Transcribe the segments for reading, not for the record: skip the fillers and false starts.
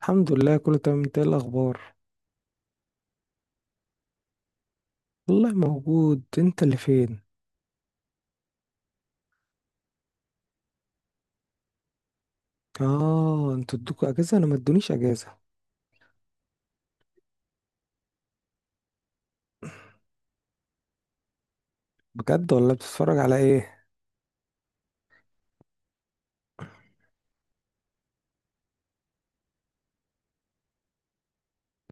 الحمد لله، كله تمام. انت ايه الاخبار؟ والله موجود. انت اللي فين؟ اه انتوا ادوكوا اجازه، انا ما ادونيش اجازه. بجد والله، بتتفرج على ايه؟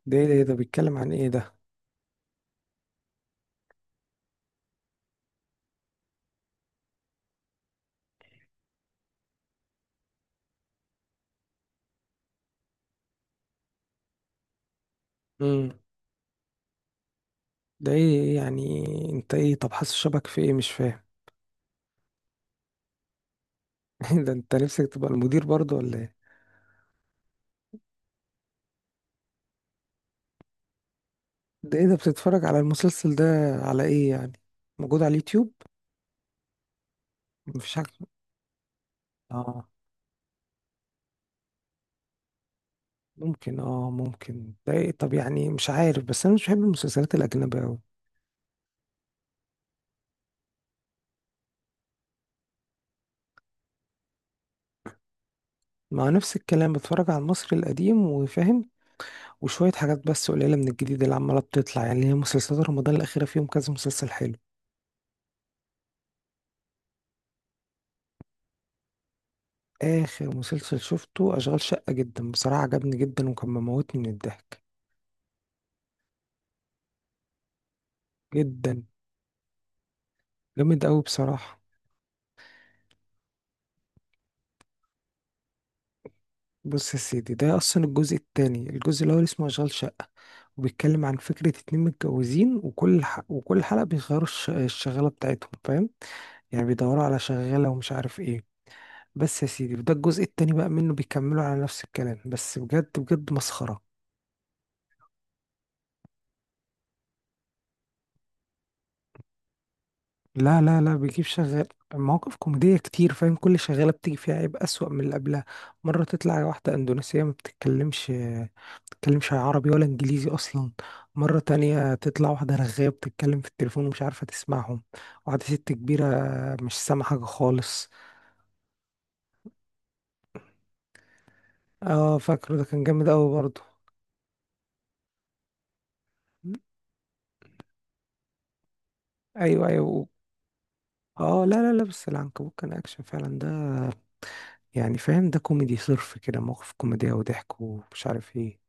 ده إيه ده بيتكلم عن ايه ده؟ امم. ده إيه يعني؟ انت ايه؟ طب حاسس شبك في ايه؟ مش فاهم. ده انت نفسك تبقى المدير برضه ولا ايه؟ ده ايه ده؟ بتتفرج على المسلسل ده؟ على ايه يعني؟ موجود على اليوتيوب؟ مفيش حاجه. اه اه ممكن ده ايه؟ طب يعني مش عارف، بس انا مش بحب المسلسلات الاجنبيه قوي. مع نفس الكلام، بتفرج على المصري القديم وفاهم. وشوية حاجات بس قليلة من الجديد اللي عمالة بتطلع، يعني هي مسلسلات رمضان الأخيرة فيهم كذا مسلسل حلو. آخر مسلسل شفته أشغال شقة، جدا بصراحة عجبني جدا، وكان مموتني من الضحك. جدا. جامد أوي بصراحة. بص يا سيدي، ده أصلا الجزء التاني. الجزء الأول اسمه أشغال شقة، وبيتكلم عن فكرة اتنين متجوزين، وكل حلقة بيغيروا الشغالة بتاعتهم، فاهم؟ يعني بيدوروا على شغالة ومش عارف ايه. بس يا سيدي، وده الجزء التاني بقى منه، بيكملوا على نفس الكلام، بس بجد بجد مسخرة. لا، لا، لا، بيجيب شغال. مواقف كوميدية كتير، فاهم؟ كل شغالة بتيجي فيها عيب أسوأ من اللي قبلها. مرة تطلع واحدة أندونيسية ما بتتكلمش، بتتكلمش عربي ولا إنجليزي أصلا. مرة تانية تطلع واحدة رغاية بتتكلم في التليفون ومش عارفة تسمعهم. واحدة ست كبيرة، مش سامعة حاجة خالص. اه فاكره، ده كان جامد أوي برضه. أيوه، أيوه. اه، لا، لا، لا، بس العنكبوت كان أكشن فعلا ده. يعني فاهم، ده كوميدي صرف كده، مواقف كوميدية وضحك ومش عارف ايه.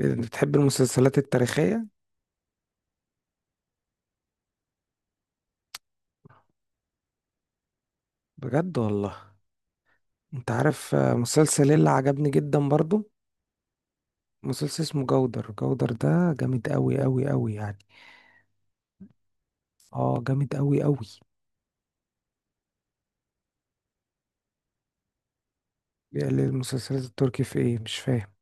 إيه ده، انت بتحب المسلسلات التاريخية؟ بجد والله؟ انت عارف، مسلسل ايه اللي عجبني جدا برضو؟ مسلسل اسمه جودر. جودر ده جامد قوي قوي قوي يعني. اه جامد قوي قوي. يعني المسلسلات التركي في ايه؟ مش فاهم.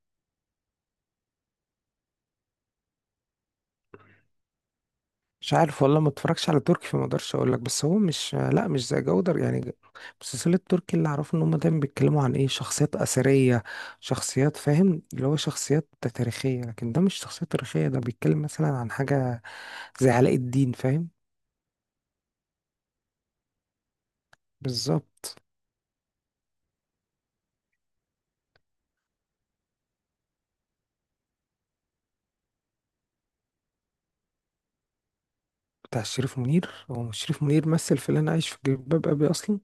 مش عارف والله، ما اتفرجش على تركي، فما اقدرش اقول لك. بس هو مش لا مش زي جودر يعني مسلسلات التركي اللي اعرفه ان هم دايما بيتكلموا عن ايه، شخصيات اثريه، شخصيات، فاهم؟ اللي هو شخصيات تاريخيه. لكن ده مش شخصيه تاريخيه، ده بيتكلم مثلا عن حاجه زي علاء الدين، فاهم؟ بالظبط. بتاع شريف منير، هو مش شريف منير مثل في اللي انا عايش في جلباب ابي اصلا؟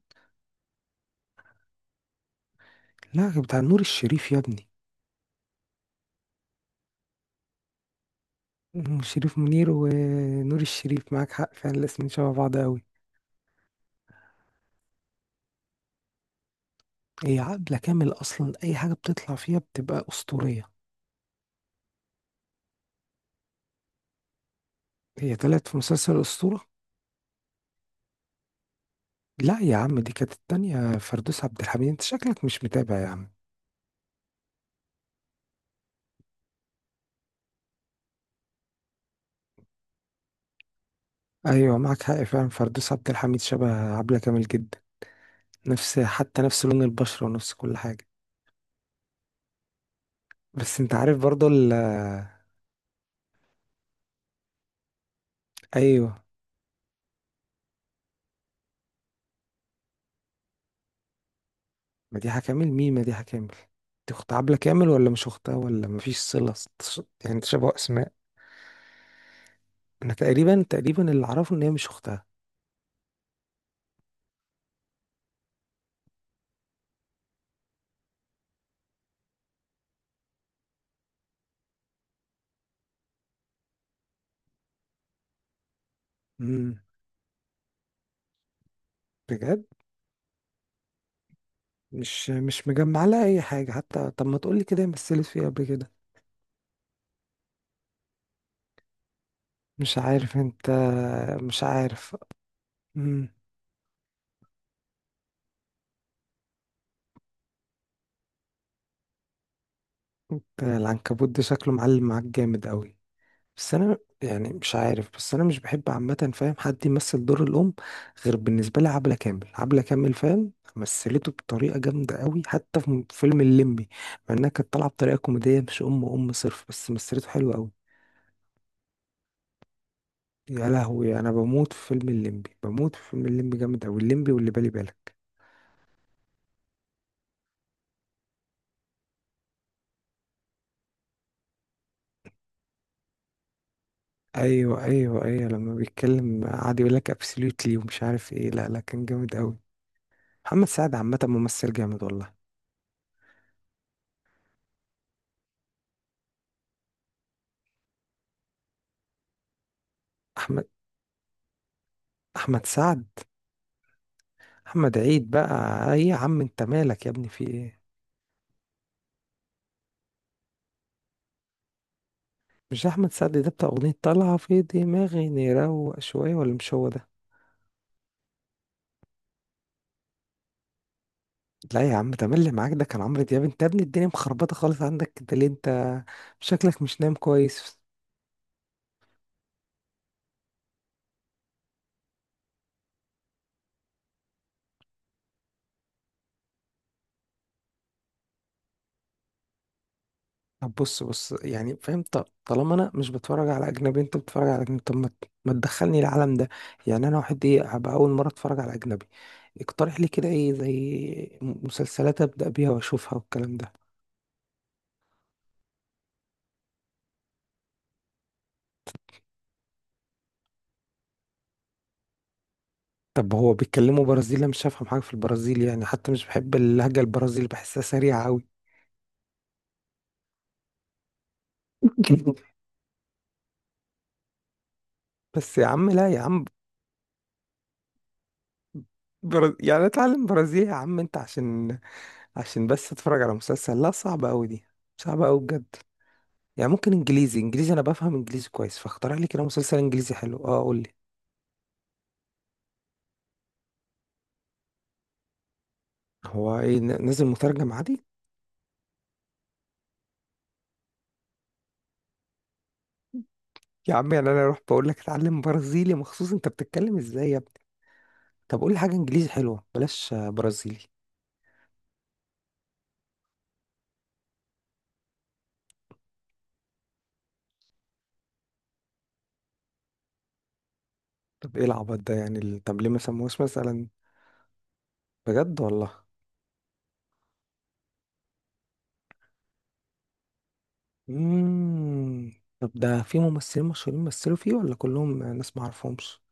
لا، بتاع نور الشريف يا ابني. شريف منير ونور الشريف، معاك حق فعلا، الاسمين شبه بعض قوي. هي عقلة كامل، أصلا أي حاجة بتطلع فيها بتبقى أسطورية. هي طلعت في مسلسل أسطورة؟ لا يا عم، دي كانت التانية فردوس عبد الحميد. أنت شكلك مش متابع يا عم. أيوة، معك حق فعلا، فردوس عبد الحميد شبه عبلة كامل جدا. نفس، حتى نفس لون البشرة ونفس كل حاجة. بس أنت عارف برضه أيوة. مديحة كامل؟ مين مديحة كامل؟ دي أخت عبلة كامل، ولا مش أختها، ولا مفيش صلة؟ يعني تشابه أسماء. أنا تقريبا اللي أعرفه إن هي مش أختها. امم. بجد؟ مش مجمع لها اي حاجه حتى. طب ما تقولي كده هي مثلت فيه قبل كده؟ مش عارف انت. مش عارف. امم. انت العنكبوت ده شكله معلم معاك جامد قوي. بس انا يعني مش عارف، بس انا مش بحب عامه، فاهم، حد يمثل دور الام غير بالنسبه لي عبله كامل. عبله كامل، فاهم، مثلته بطريقه جامده قوي حتى في فيلم الليمبي. مع انها كانت طالعه بطريقه كوميديه، مش ام ام صرف، بس مثلته حلوه قوي. يا لهوي، انا بموت في فيلم الليمبي، بموت في فيلم الليمبي، جامد قوي الليمبي واللي بالي بالك. ايوه، ايوه، ايوه، لما بيتكلم قعد يقول لك ابسوليوتلي ومش عارف ايه، لا لا كان جامد قوي. محمد سعد عامه ممثل جامد والله. احمد احمد سعد. احمد عيد بقى؟ ايه يا عم انت مالك يا ابني؟ في ايه؟ مش ده احمد سعد ده بتاع اغنيه طالعه في دماغي نروق شويه، ولا مش هو ده؟ لا يا عم، ده مين اللي معاك؟ ده كان عمرو دياب. انت يا ابني الدنيا مخربطه خالص عندك ده، ليه انت؟ شكلك مش نايم كويس. طب بص بص، يعني فاهم، طالما انا مش بتفرج على اجنبي، انت بتتفرج على اجنبي، طب ما ما تدخلني العالم ده. يعني انا واحد ايه، هبقى اول مره اتفرج على اجنبي. اقترح لي كده ايه، زي مسلسلات ابدا بيها واشوفها والكلام ده. طب هو بيتكلموا برازيلي؟ أنا مش هفهم حاجه في البرازيل يعني، حتى مش بحب اللهجه البرازيلي، بحسها سريعه قوي. بس يا عم، لا يا عم. يعني اتعلم برازيلي يا عم انت عشان عشان بس اتفرج على مسلسل؟ لا صعب قوي دي، صعب قوي بجد. يعني ممكن انجليزي، انجليزي انا بفهم انجليزي كويس، فاختار لي كده مسلسل انجليزي حلو، اه قول لي. هو ايه، نازل مترجم عادي؟ يا عم يعني انا اروح بقول لك اتعلم برازيلي مخصوص؟ انت بتتكلم ازاي يا ابني؟ طب قول لي حاجه انجليزي حلوه، بلاش برازيلي. طب ايه العبط ده؟ يعني طب ليه ما سموهوش مثلا؟ بجد والله؟ امم. طب ده في ممثلين مشهورين مثلوا فيه، ولا كلهم ناس ما اعرفهمش؟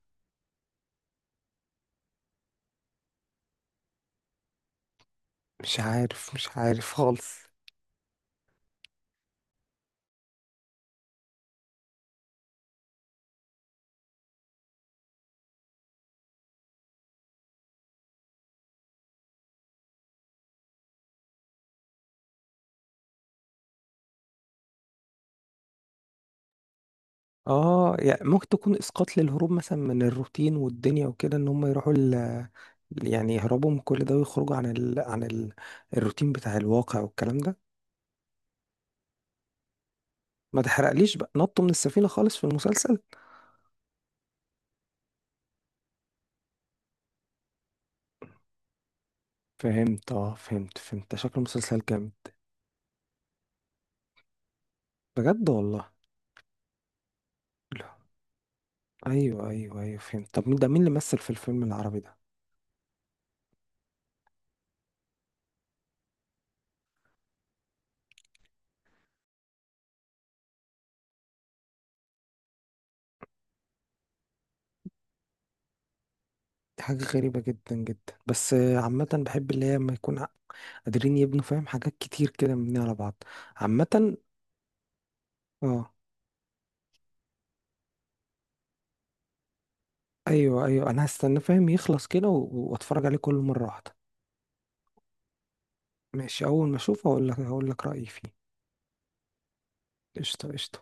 مش عارف، مش عارف خالص. اه يعني ممكن تكون اسقاط للهروب مثلا من الروتين والدنيا وكده، ان هم يروحوا يعني يهربوا من كل ده ويخرجوا عن الروتين بتاع الواقع والكلام ده. ما تحرقليش بقى، نطوا من السفينة خالص في المسلسل؟ فهمت، اه فهمت، شكل المسلسل جامد. بجد والله. لا. ايوه، ايوه، ايوه، فهمت. طب مين اللي مثل في الفيلم العربي ده؟ دي حاجة غريبة جدا جدا، بس عامة بحب اللي هي لما يكون قادرين يبنوا، فاهم، حاجات كتير كده مبنية على بعض. عامة. اه. ايوه، ايوه، انا هستنى، فاهم، يخلص كده واتفرج عليه كل مره واحده. ماشي، اول ما اشوفه هقول لك رايي فيه. قشطه، قشطه.